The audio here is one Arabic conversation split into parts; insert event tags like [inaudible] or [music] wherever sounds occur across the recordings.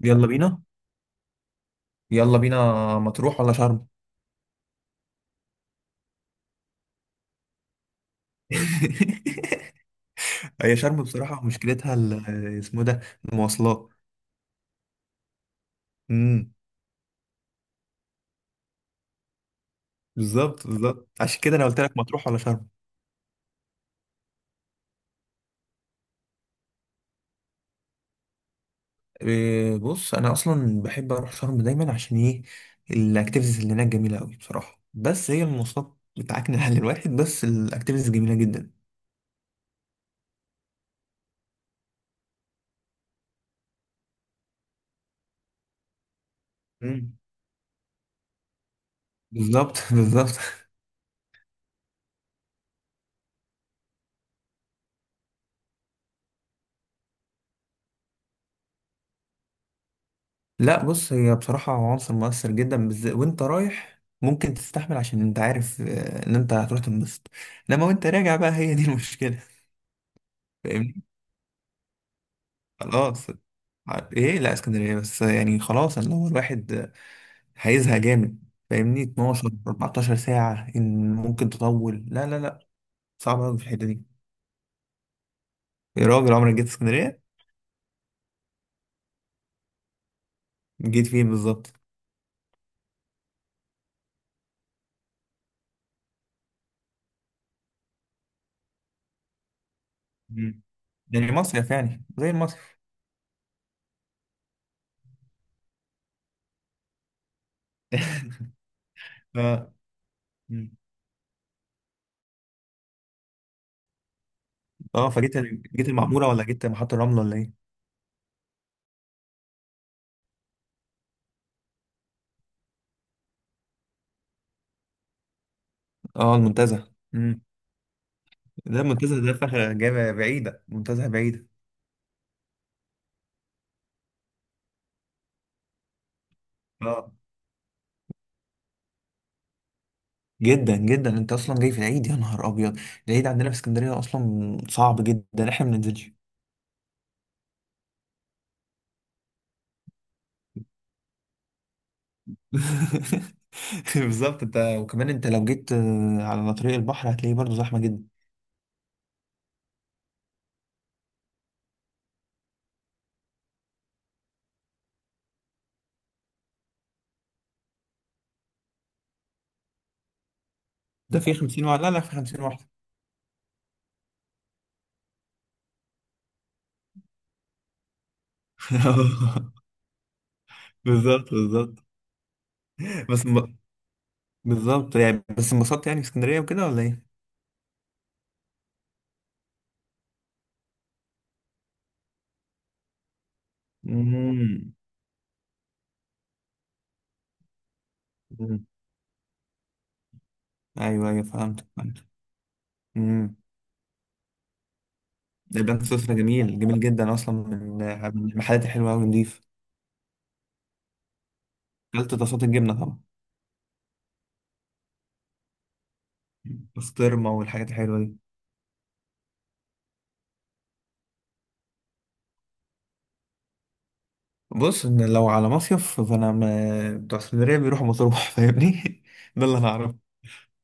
يلا بينا. يلا بينا. مطروح ولا شرم؟ [laughs] هي شرم بصراحة مشكلتها ال- اسمه ده المواصلات. امم. بالظبط، بالظبط، عشان كده انا قلت لك مطروح ولا شرم. إيه، بص انا اصلا بحب اروح شرم دايما، عشان ايه؟ الاكتيفيتيز اللي هناك جميلة قوي بصراحة، بس هي المواصلات بتاعتنا على الواحد، بس الاكتيفيتيز جميلة جدا. امم. بالظبط، [laughs] بالظبط. لا، بص، هي بصراحة عنصر مؤثر جدا، بالذات وانت رايح ممكن تستحمل عشان انت عارف ان انت هتروح تنبسط. انما وانت راجع بقى هي دي [laughs] المشكلة. فاهمني. خلاص. ايه، لا اسكندرية، بس يعني خلاص، اللي هو الواحد هيزهق جامد. فاهمني، 12 14 ساعة ان ممكن تطول، لا لا لا، صعب قوي في الحتة دي. يا راجل، عمرك جيت اسكندرية؟ جيت فين بالظبط؟ مم. يعني مصيف، يعني زي المصيف. [laughs] ف- مم. اه، فجيت. جيت المعمورة ولا جيت محطة الرمل ولا ايه؟ اه، المنتزه، امم. ده المنتزه ده فخ، جامعة بعيدة، منتزه بعيدة. اه، جدا جدا، انت اصلا جاي في العيد؟ يا نهار ابيض. العيد عندنا في اسكندريه اصلا صعب جدا، احنا ما بننزلش. [laughs] بالظبط. انت وكمان انت لو جيت على طريق البحر هتلاقيه برضه زحمه جدا. ده في 50 واحد، لا لا، في 50 واحد. [laughs] بالظبط، بالظبط، بس م... بالظبط يعني، بس انبسطت يعني في اسكندريه وكده ولا ايه؟ امم. أمم. ايوه، ايوه، فهمت، فهمت. لبنان سويسرا جميل جميل جدا، اصلا من. المحلات الحلوه قوي، نضيف. اكلت طاسات الجبنه طبعا. بسطرمه والحاجات الحلوه دي. بص، ان لو على مصيف بتوع اسكندريه بيروحوا مطروح. [laughs] فاهمني. ده اللي انا اعرفه.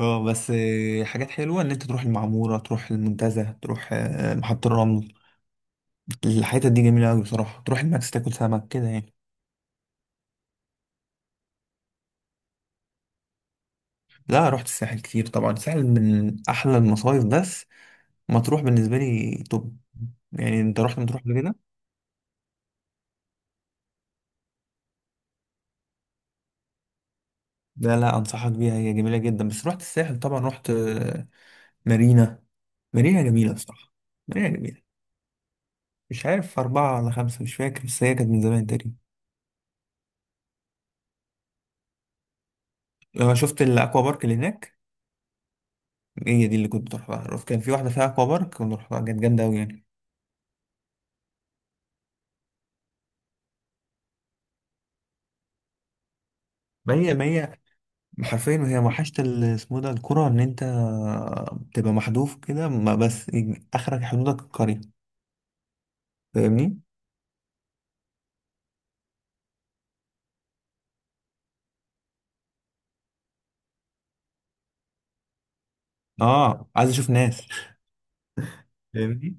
اه، بس حاجات حلوه، ان انت تروح المعموره، تروح المنتزه، تروح محطه الرمل. الحتت دي جميله قوي بصراحه، تروح الماكس، تاكل سمك كده يعني. لا، رحت الساحل كتير طبعا، الساحل من احلى المصايف، بس. مطروح بالنسبه لي توب. يعني انت رحت مطروح قبل كده؟ لا لا، انصحك بيها، هي جميله جدا، بس رحت الساحل طبعا، رحت مارينا. مارينا جميله بصراحه. مارينا جميله. مش عارف، اربعه ولا خمسه، مش فاكر، بس هي كانت من زمان تقريبا. آه، شفت الاكوا بارك اللي هناك؟ هي دي اللي كنت بروحها، كان في واحده فيها اكوا بارك كنت بروحها، كانت جامده قوي يعني. ما هي حرفيا، وهي وحشت ال- اسمه ده الكره، ان انت تبقى محذوف كده، ما بس، اخرك حدودك القريه. فاهمني. اه، عايز اشوف ناس. فاهمني؟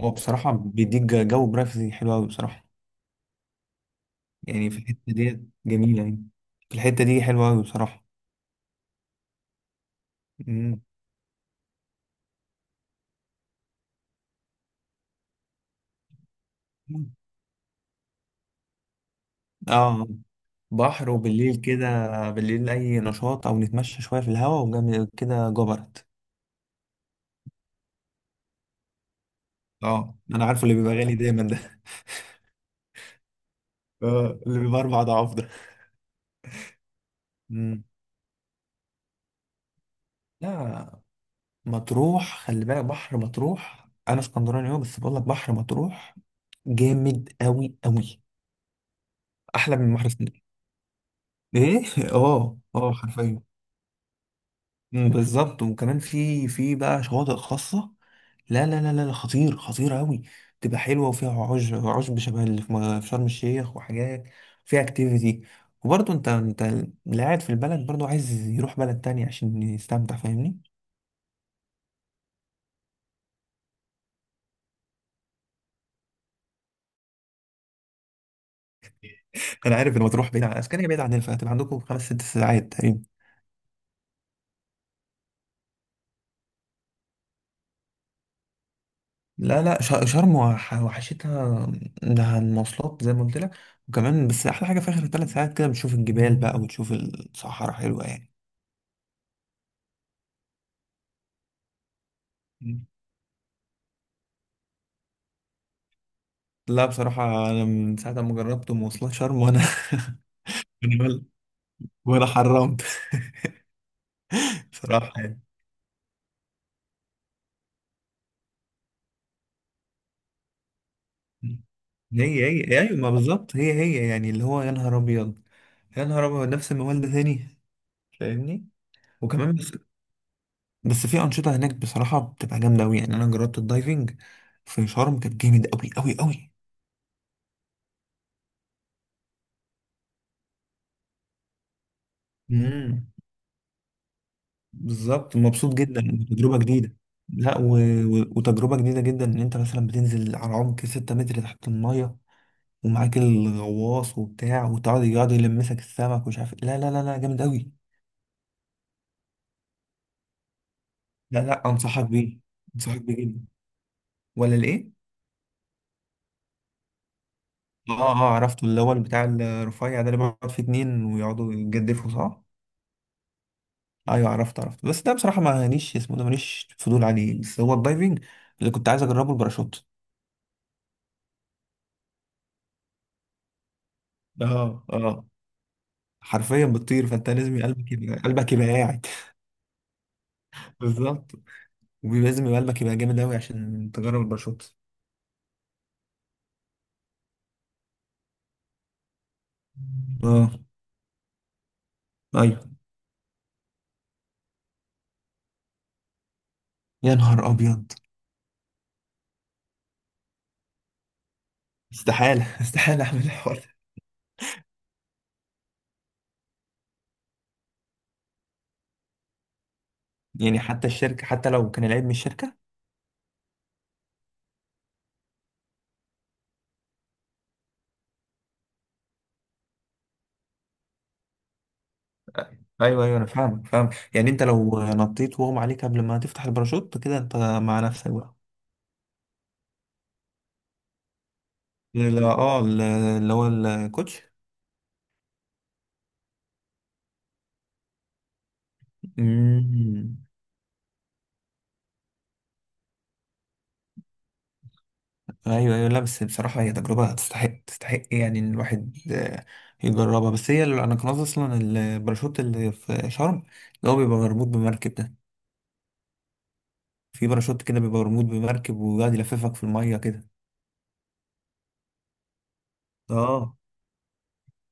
هو بصراحه بيديك جو برايفسي حلو قوي بصراحه. يعني في الحتة دي جميلة يعني. في الحتة دي حلوة أوي بصراحة. مم. اه، بحر وبالليل كده. بالليل أي نشاط، أو نتمشى شوية في الهواء، وجنب كده جبرت. اه، أنا عارفه اللي بيبقى غالي دايما ده. [laughs] اه، اللي بيبقى 4 أضعاف ده. مم. لا، مطروح، خلي بالك، بحر مطروح، أنا اسكندراني أهو، بس بقول لك بحر مطروح جامد أوي أوي. أحلى من بحر اسكندرية. إيه؟ [laughs] اه، اه، حرفيا. مم، بالظبط، وكمان في بقى شواطئ خاصة. لا لا لا لا لا، خطير خطير قوي. تبقى حلوة وفيها عشب عشب، شبه اللي في شرم الشيخ وحاجات. فيها اكتيفيتي. وبرضه انت اللي قاعد في البلد برضه، عايز يروح بلد تانية عشان يستمتع، فاهمني؟ انا عارف ان مطروح بعيد عن اسكندريه، بعيد عن الفات، عندكم خمس ست ساعات تقريبا. لا لا، شرم وحشتها. ده المواصلات زي ما قلت لك. وكمان، بس احلى حاجة في اخر 3 ساعات كده بتشوف الجبال بقى، وتشوف الصحراء حلوة يعني. لا بصراحة، أنا من ساعة ما جربت مواصلات شرم وأنا [laughs] وأنا ولا. وأنا حرمت. [laughs] بصراحة يعني. أيوة، ما بالظبط، هي هي يعني اللي هو يا نهار أبيض. يا نهار أبيض، نفس الموال ده تاني. فاهمني. وكمان بس في أنشطة هناك بصراحة بتبقى جامدة أوي، يعني أنا جربت الدايفنج في شرم، كانت جامد أوي أوي أوي. امم. بالظبط، مبسوط جدا. تجربة جديدة. لا، وتجربة جديدة جدا، إن أنت مثلا بتنزل على عمق 6 متر تحت المية، ومعاك الغواص وبتاع، وتقعد يقعد يلمسك السمك، ومش عارف إيه. لا لا لا لا، جامد قوي. لا لا، انصحك بيه. انصحك بيه جدا. ولا الايه؟ اه، اه، عرفته، اللي هو بتاع الرفيع ده، اللي بيقعد فيه اتنين ويقعدوا يتجدفوا، صح؟ ايوه، عرفت عرفت، بس ده بصراحه ما ليش اسمه ده ماليش فضول عليه، بس هو الدايفنج اللي كنت عايز اجربه، الباراشوت. اه، اه، حرفيا بتطير، فانت لازم قلبك يبقى قاعد. [laughs] بالظبط. ولازم قلبك يبقى جامد قوي عشان تجرب الباراشوت. اه، ايوه، يا نهار ابيض، استحالة، [laughs] استحالة أعمل الحوار. ده يعني حتى الشركة، حتى لو كان العيب من الشركة. أيوه، أيوه، أنا فاهم فاهم. يعني أنت لو نطيت وهم عليك قبل ما تفتح الباراشوت، كده أنت مع نفسك بقى. لا، اه، اللي هو الكوتش. أمم. أيوه، أيوه، لا بس بصراحة هي تجربة تستحق تستحق يعني، إن الواحد يجربها، بس هي اللي أنا كان قصدي أصلا، الباراشوت اللي في شرم، اللي هو بيبقى مربوط بمركب ده. في باراشوت كده بيبقى مربوط بمركب، وقاعد يلففك في المية كده. اه،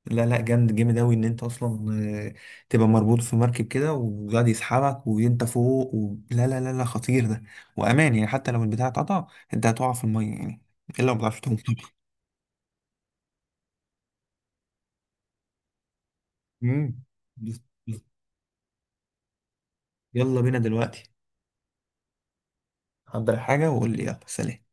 لا لا، جامد جامد أوي، إن أنت أصلا آه، تبقى مربوط في مركب كده، وقاعد يسحبك وأنت فوق لا لا لا لا، خطير ده. وأمان يعني، حتى لو البتاع اتقطع، أنت هتقع في المية يعني. إلا لو ما بتعرفش تعوم طبعا. مم. بس- بس. يلا بينا دلوقتي. حضر حاجة وقول لي، يلا سلام.